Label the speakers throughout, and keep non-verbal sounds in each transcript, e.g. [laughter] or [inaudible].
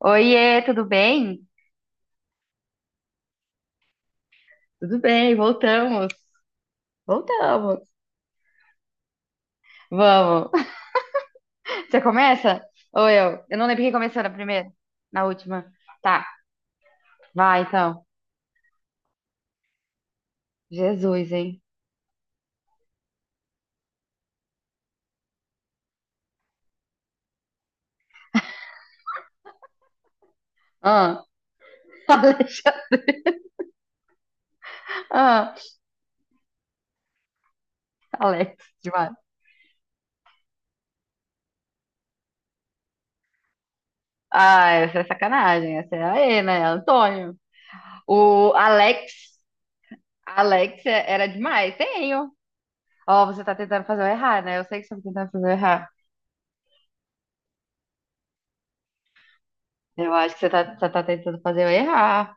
Speaker 1: Oiê, tudo bem? Tudo bem, voltamos. Voltamos. Vamos. [laughs] Você começa? Ou eu? Eu não lembro quem começou na primeira, na última. Tá, vai então. Jesus, hein? Ah, [laughs] Alex, ah, Alex, demais. Ah, essa é sacanagem, essa é aê, né? Antônio. O Alex, Alex era demais, tenho. Ó, você tá tentando fazer eu errar, né? Eu sei que você tá tentando fazer eu errar. Eu acho que você tá tentando fazer eu errar.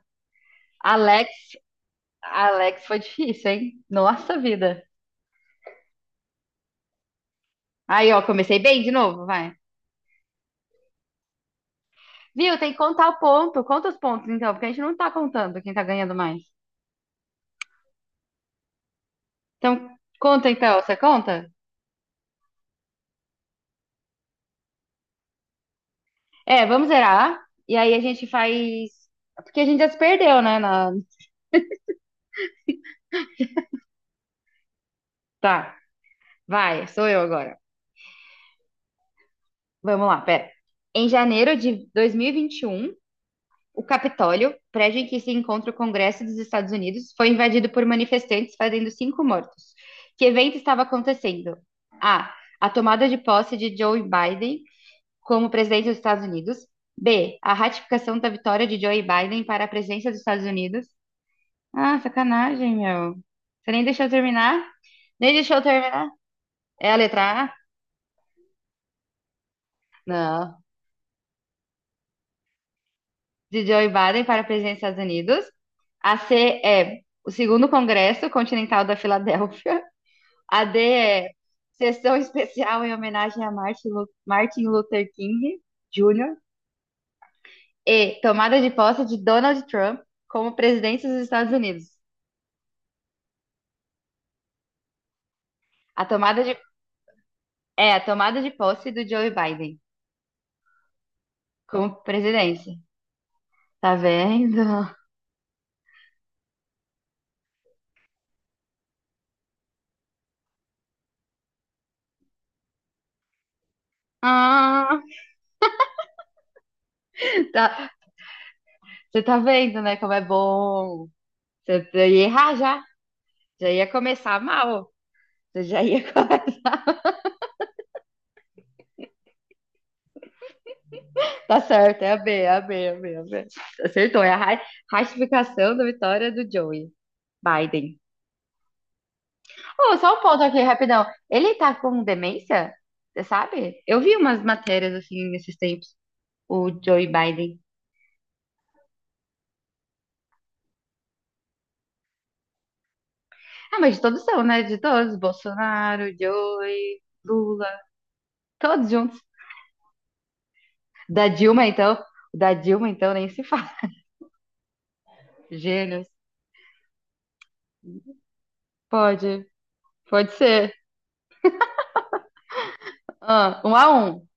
Speaker 1: Alex Alex foi difícil, hein? Nossa vida. Aí, ó, comecei bem de novo, vai. Viu? Tem que contar o ponto. Conta os pontos, então, porque a gente não tá contando quem tá ganhando mais. Então, conta então, você conta? É, vamos zerar. E aí a gente faz. Porque a gente já se perdeu, né? Tá, vai, sou eu agora. Vamos lá, pera. Em janeiro de dois mil e vinte e um, o Capitólio, prédio em que se encontra o Congresso dos Estados Unidos, foi invadido por manifestantes, fazendo cinco mortos. Que evento estava acontecendo? A. A tomada de posse de Joe Biden como presidente dos Estados Unidos. B. A ratificação da vitória de Joe Biden para a presidência dos Estados Unidos. Ah, sacanagem, meu. Você nem deixou eu terminar? Nem deixou eu terminar? É a letra A? Não. De Joe Biden para a presidência dos Estados Unidos. A C é o segundo Congresso Continental da Filadélfia. AD é sessão [laughs] especial em homenagem a Martin Luther King Jr. E tomada de posse de Donald Trump como presidente dos Estados Unidos. A tomada de, a tomada de posse do Joe Biden como presidência. Tá vendo? [laughs] Ah, tá- você tá vendo, né, como é bom. Você ia errar já. Já ia começar mal. Você já ia. [laughs] Tá certo, é a B, é a B, é a B, é a B. Acertou, é a ratificação da vitória do Joey Biden. Oh, só um ponto aqui, rapidão. Ele tá com demência? Você sabe? Eu vi umas matérias assim nesses tempos. O Joe Biden. Ah, mas de todos são, né? De todos. Bolsonaro, Joe, Lula. Todos juntos. Da Dilma, então. Da Dilma, então, nem se fala. Gênios. Pode. Pode ser. Ah, 1-1.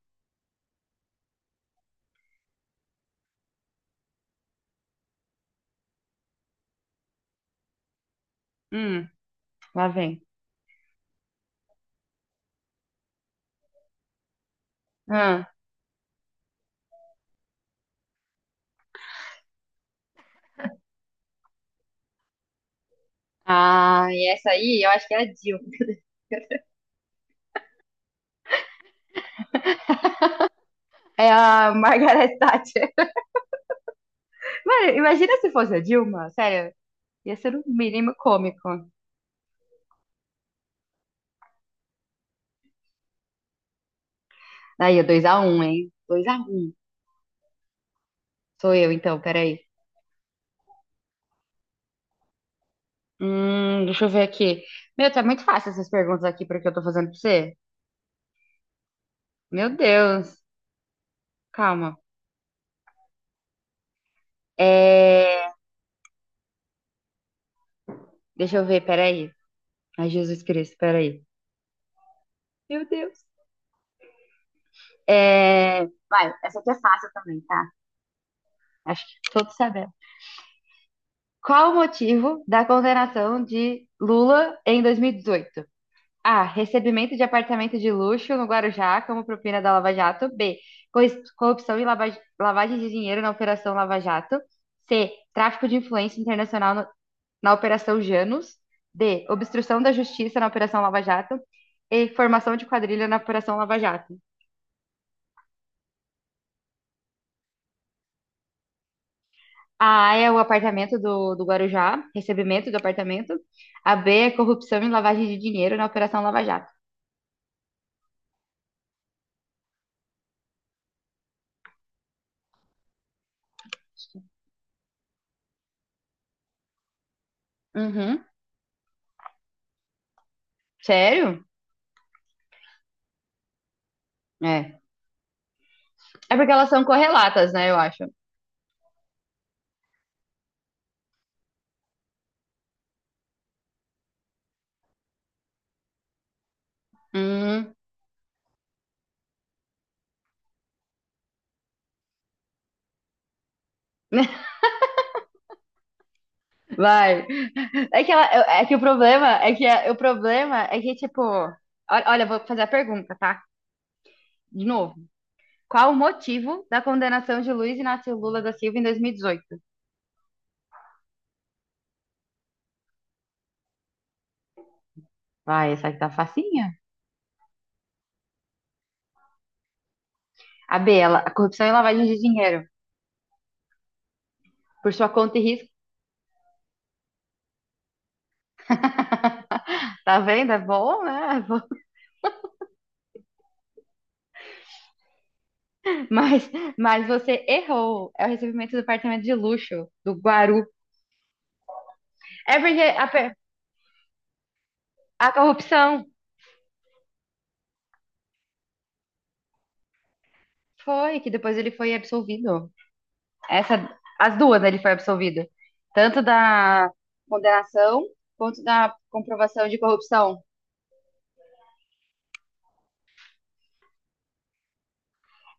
Speaker 1: Hum, lá vem. Ah, ah, e essa aí, eu acho que é a Dilma. [laughs] É a Margaret Thatcher. [laughs] Mano, imagina se fosse a Dilma, sério. Ia ser o mínimo cômico. Aí, 2-1, hein? 2-1. Sou eu, então, peraí. Deixa eu ver aqui. Meu, tá muito fácil essas perguntas aqui porque eu tô fazendo pra você. Meu Deus. Calma. É... Deixa eu ver, peraí. Ai, Jesus Cristo, peraí. Meu Deus. É... Vai, essa aqui é fácil também, tá? Acho que todos sabemos. Qual o motivo da condenação de Lula em 2018? A. Recebimento de apartamento de luxo no Guarujá como propina da Lava Jato. B. Corrupção e lavagem de dinheiro na Operação Lava Jato. C. Tráfico de influência internacional na Operação Janus. D. Obstrução da justiça na Operação Lava Jato. E. Formação de quadrilha na Operação Lava Jato. A é o apartamento do Guarujá, recebimento do apartamento. A B é corrupção e lavagem de dinheiro na Operação Lava Jato. Uhum. Sério? É. É porque elas são correlatas, né, eu acho. Hum, [laughs] vai. É que, ela, É que o problema o problema é que, tipo, olha, eu vou fazer a pergunta, tá? De novo. Qual o motivo da condenação de Luiz Inácio Lula da Silva em 2018? Vai, essa aqui tá facinha. A B, ela, a corrupção e lavagem de dinheiro, por sua conta e risco. [laughs] Tá vendo? É bom, né? É bom. Mas, mas você errou. É o recebimento do apartamento de luxo, do Guaru. É porque a, a corrupção foi, que depois ele foi absolvido. Essa, as duas, né, ele foi absolvido. Tanto da condenação quanto da comprovação de corrupção.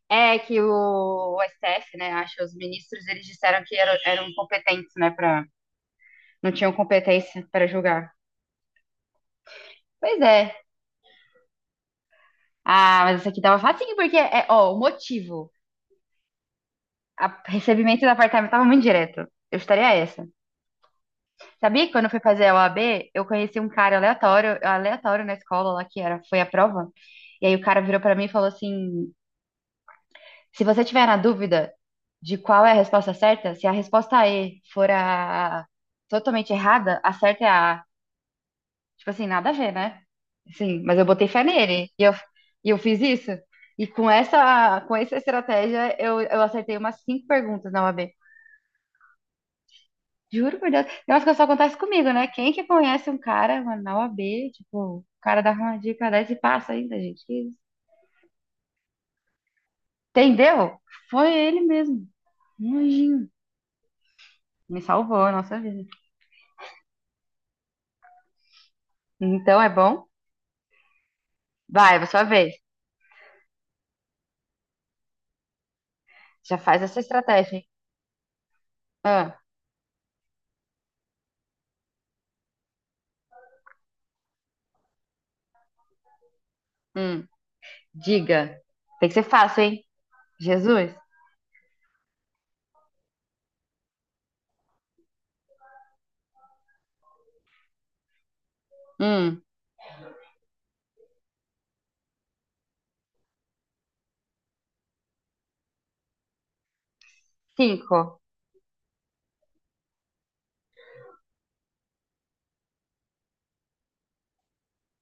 Speaker 1: É que o, STF, né, acho, os ministros, eles disseram que eram incompetentes, né, para não tinham competência para julgar. Pois é. Ah, mas isso aqui tava facinho, porque, é, ó, o motivo, a, recebimento do apartamento tava muito direto. Eu estaria essa. Sabia que quando eu fui fazer a OAB, eu conheci um cara aleatório, aleatório na escola lá, que era, foi a prova. E aí o cara virou pra mim e falou assim: se você tiver na dúvida de qual é a resposta certa, se a resposta E for a totalmente errada, a certa é a A. Tipo assim, nada a ver, né? Sim, mas eu botei fé nele e eu fiz isso. E com essa estratégia, eu acertei umas cinco perguntas na OAB. Juro por Deus. Nossa, que só acontece comigo, né? Quem que conhece um cara, mano, na OAB, tipo, o cara dá uma dica dessa e passa ainda, gente. Que isso? Entendeu? Foi ele mesmo, um anjinho. Me salvou a nossa vida. Então é bom. Vai, é a sua vez. Já faz essa estratégia, hein? Ah, hum. Diga. Tem que ser fácil, hein? Jesus. Hum. Cinco.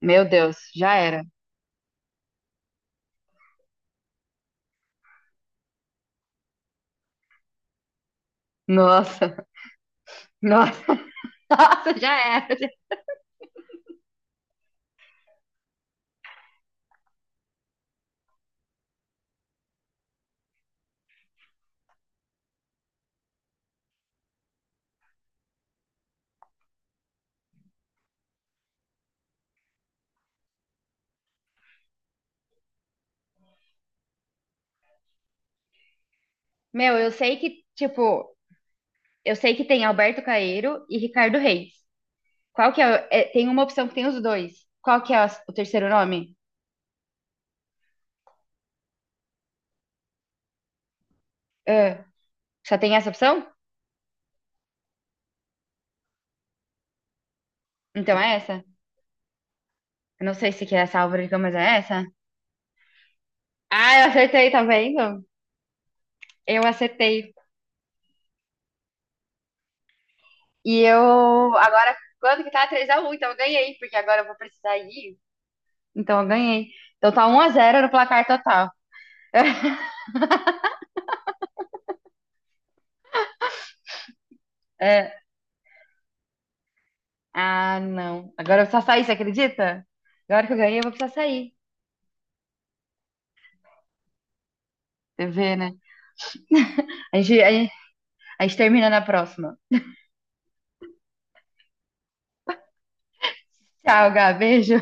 Speaker 1: Meu Deus, já era. Nossa, [laughs] nossa, [laughs] nossa, já era. Meu, eu sei que, tipo, eu sei que tem Alberto Caeiro e Ricardo Reis. Qual que é, tem uma opção que tem os dois. Qual que é o terceiro nome? Ah, só tem essa opção? Então é essa? Eu não sei se que é essa Álvaro de Campos, mas é essa. Ah, eu acertei, tá vendo? Eu acertei. E eu agora, quando que tá? 3-1, então eu ganhei, porque agora eu vou precisar ir. Então eu ganhei. Então tá 1-0 no placar total. É. Ah, não. Agora eu vou precisar sair, você acredita? Agora que eu ganhei, eu vou precisar sair. Você vê, né? A gente, a gente termina na próxima. Tchau, Gá. Beijo.